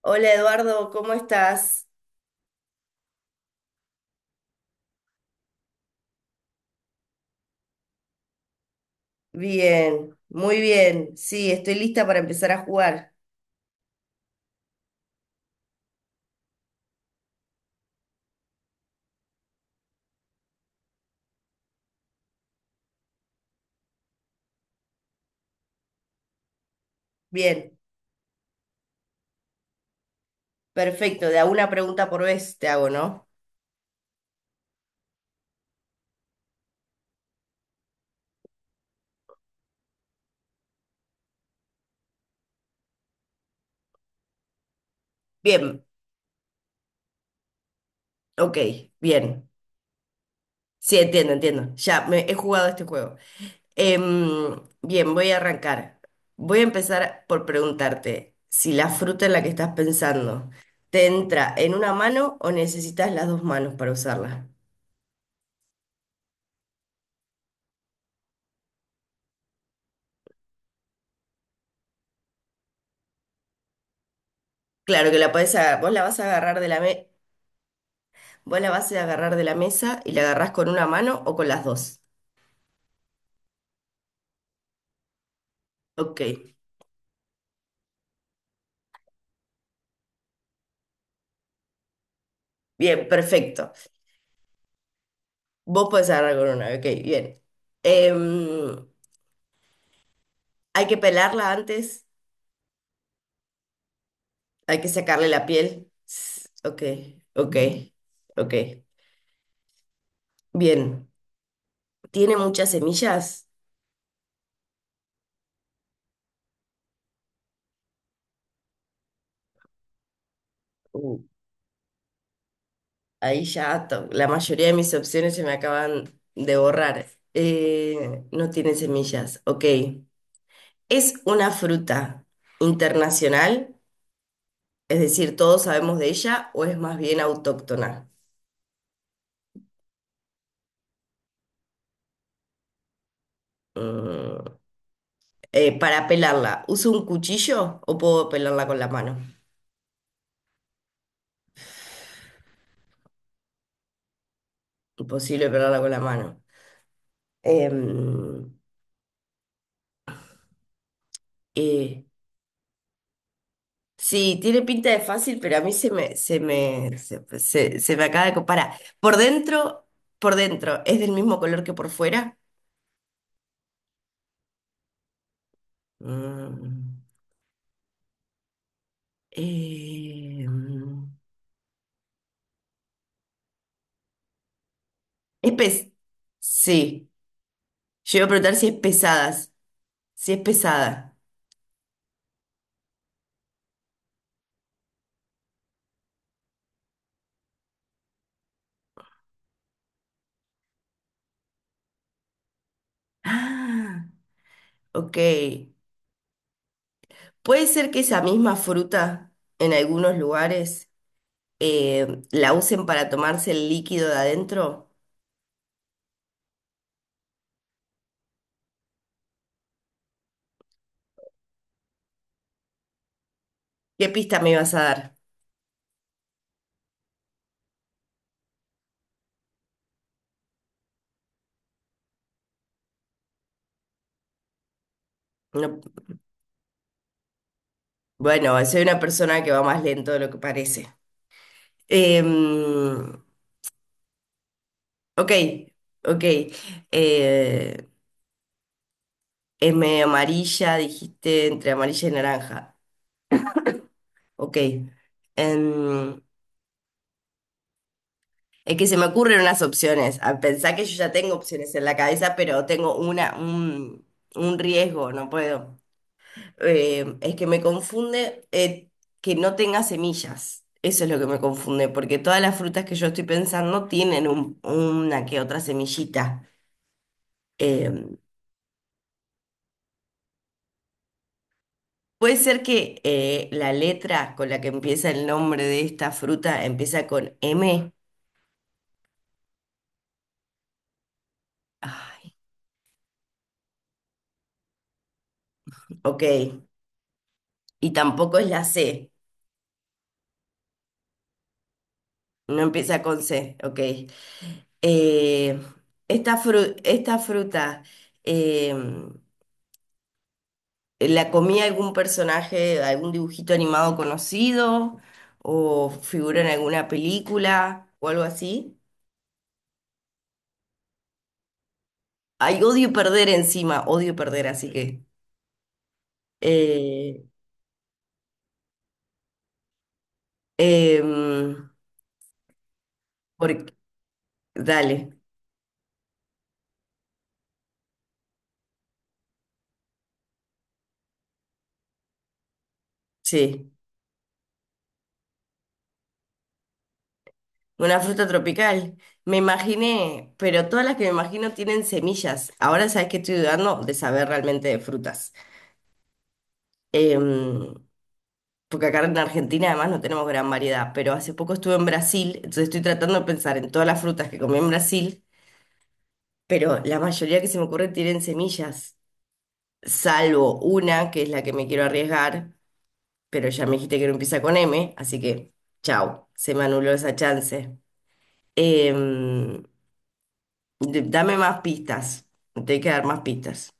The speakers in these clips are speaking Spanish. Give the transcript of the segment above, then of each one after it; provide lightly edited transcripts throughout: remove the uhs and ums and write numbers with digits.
Hola Eduardo, ¿cómo estás? Bien, muy bien. Sí, estoy lista para empezar a jugar. Bien, perfecto. De a una pregunta por vez te hago, ¿no? Bien, ok, bien. Sí, entiendo. Ya me he jugado este juego. Bien, voy a arrancar. Voy a empezar por preguntarte si la fruta en la que estás pensando te entra en una mano o necesitas las dos manos para usarla. Claro que la podés agarrar, vos la vas a agarrar de Vos la vas a ir a agarrar de la mesa y la agarrás con una mano o con las dos. Ok, bien, perfecto. Vos podés agarrar con una, ok, bien. Em, Hay que pelarla antes, hay que sacarle la piel. Ok, ok, ok. Bien, ¿tiene muchas semillas? Uh, ahí la mayoría de mis opciones se me acaban de borrar. No tiene semillas, ok. ¿Es una fruta internacional? Es decir, ¿todos sabemos de ella o es más bien autóctona? Mm, para pelarla, ¿uso un cuchillo o puedo pelarla con la mano? Imposible pelarla con la mano. Em, eh, sí, tiene pinta de fácil, pero a mí se me acaba de comparar. Por dentro, por dentro, ¿es del mismo color que por fuera? Mm, em, es pes- Sí, yo iba a preguntar si es pesada. Ah, ok. Puede ser que esa misma fruta en algunos lugares la usen para tomarse el líquido de adentro. ¿Qué pista me ibas a dar? No- bueno, soy una persona que va más lento de lo que parece. Em, ok, ok. Eh, es medio amarilla, dijiste entre amarilla y naranja. Ok. Em, Es que se me ocurren unas opciones. A pensar que yo ya tengo opciones en la cabeza, pero tengo un riesgo, no puedo. Es que me confunde que no tenga semillas. Eso es lo que me confunde, porque todas las frutas que yo estoy pensando tienen una que otra semillita. Eh, Puede ser que la letra con la que empieza el nombre de esta fruta empieza con M. Ay, ok. Y tampoco es la C. No empieza con C. Ok. Eh, esta fruta, eh, ¿la comía algún personaje, algún dibujito animado conocido o figura en alguna película o algo así? Ay, odio perder encima, odio perder, así que... eh, em, por- dale, sí, una fruta tropical. Me imaginé, pero todas las que me imagino tienen semillas. Ahora sabes que estoy dudando de saber realmente de frutas. Em, Porque acá en Argentina además no tenemos gran variedad, pero hace poco estuve en Brasil, entonces estoy tratando de pensar en todas las frutas que comí en Brasil, pero la mayoría que se me ocurre tienen semillas, salvo una que es la que me quiero arriesgar, pero ya me dijiste que no empieza con M, así que chau, se me anuló esa chance. Em, dame más pistas, me tengo que dar más pistas.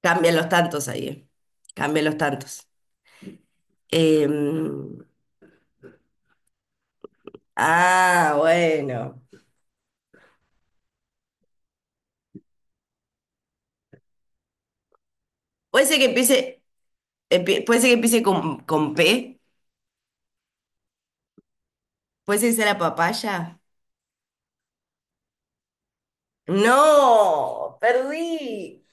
Cambian los tantos ahí, eh. Cambian los tantos. Em, ah, bueno. Puede ser que empiece. Puede ser que empiece con P. Puede ser que sea la papaya. No, perdí.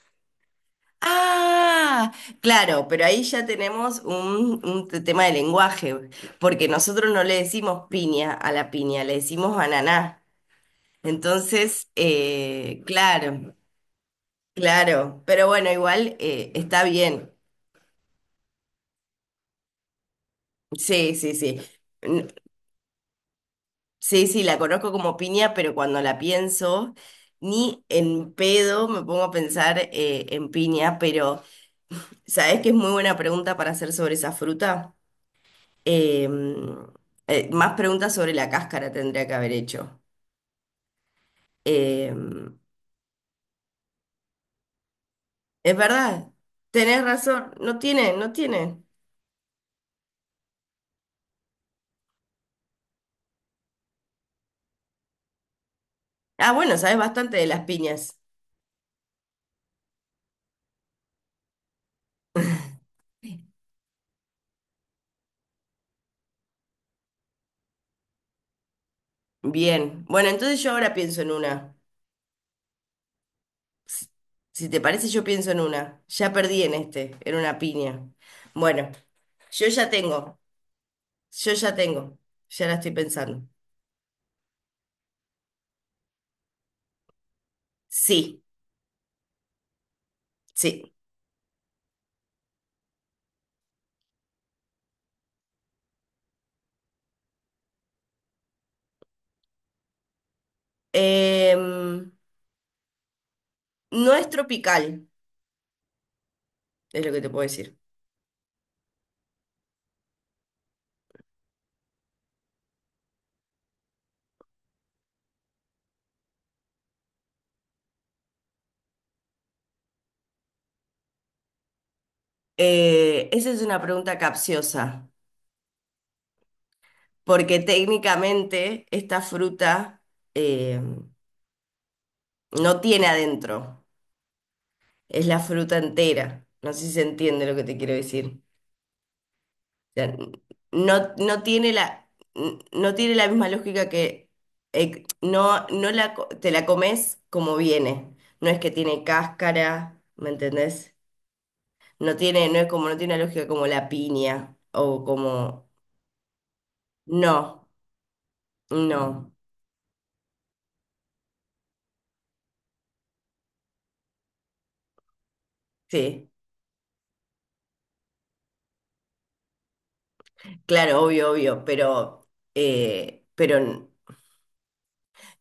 Ah, claro, pero ahí ya tenemos tema de lenguaje, porque nosotros no le decimos piña a la piña, le decimos ananá. Entonces, claro, pero bueno, igual está bien. Sí, sí, sí. Sí, sí, la conozco como piña, pero cuando la pienso, ni en pedo me pongo a pensar en piña, pero ¿sabés que es muy buena pregunta para hacer sobre esa fruta? Em, más preguntas sobre la cáscara tendría que haber hecho. Em, es verdad, tenés razón, no tiene, no tiene. Ah, bueno, sabes bastante de las piñas. Bien, bueno, entonces yo ahora pienso en una. Si si te parece, yo pienso en una. Ya perdí en este, en una piña. Bueno. Yo ya tengo, yo ya tengo, ya la estoy pensando. Sí, sí. Em, no es tropical, es lo que te puedo decir. Esa es una pregunta capciosa, porque técnicamente esta fruta em, no tiene adentro, es la fruta entera. No sé si se entiende lo que te quiero decir. Sea, no, no tiene la, no tiene la misma lógica que no, no la, te la comes como viene. No es que tiene cáscara, ¿me entendés? No tiene, no es como, no tiene una lógica como la piña o como. No, no. Sí. Claro, obvio, obvio, pero, eh, pero n-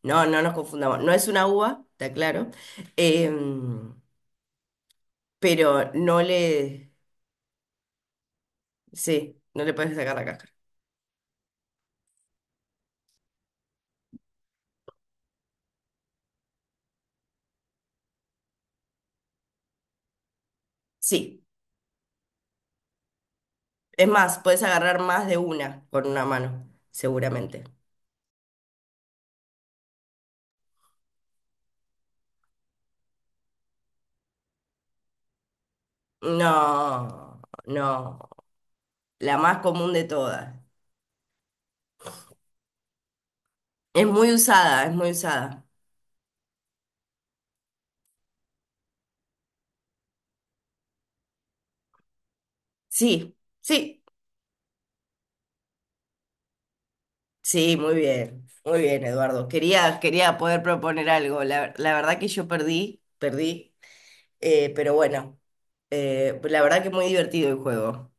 no, no nos confundamos. No es una uva, está claro. em, pero no le. Sí, no le puedes sacar la cáscara. Sí. Es más, puedes agarrar más de una con una mano, seguramente. No, no. La más común de todas. Es muy usada, es muy usada. Sí, sí, sí, muy bien. Muy bien, Eduardo. Quería poder proponer algo. La verdad que yo perdí, perdí. Eh, pero bueno, la verdad que muy divertido el juego.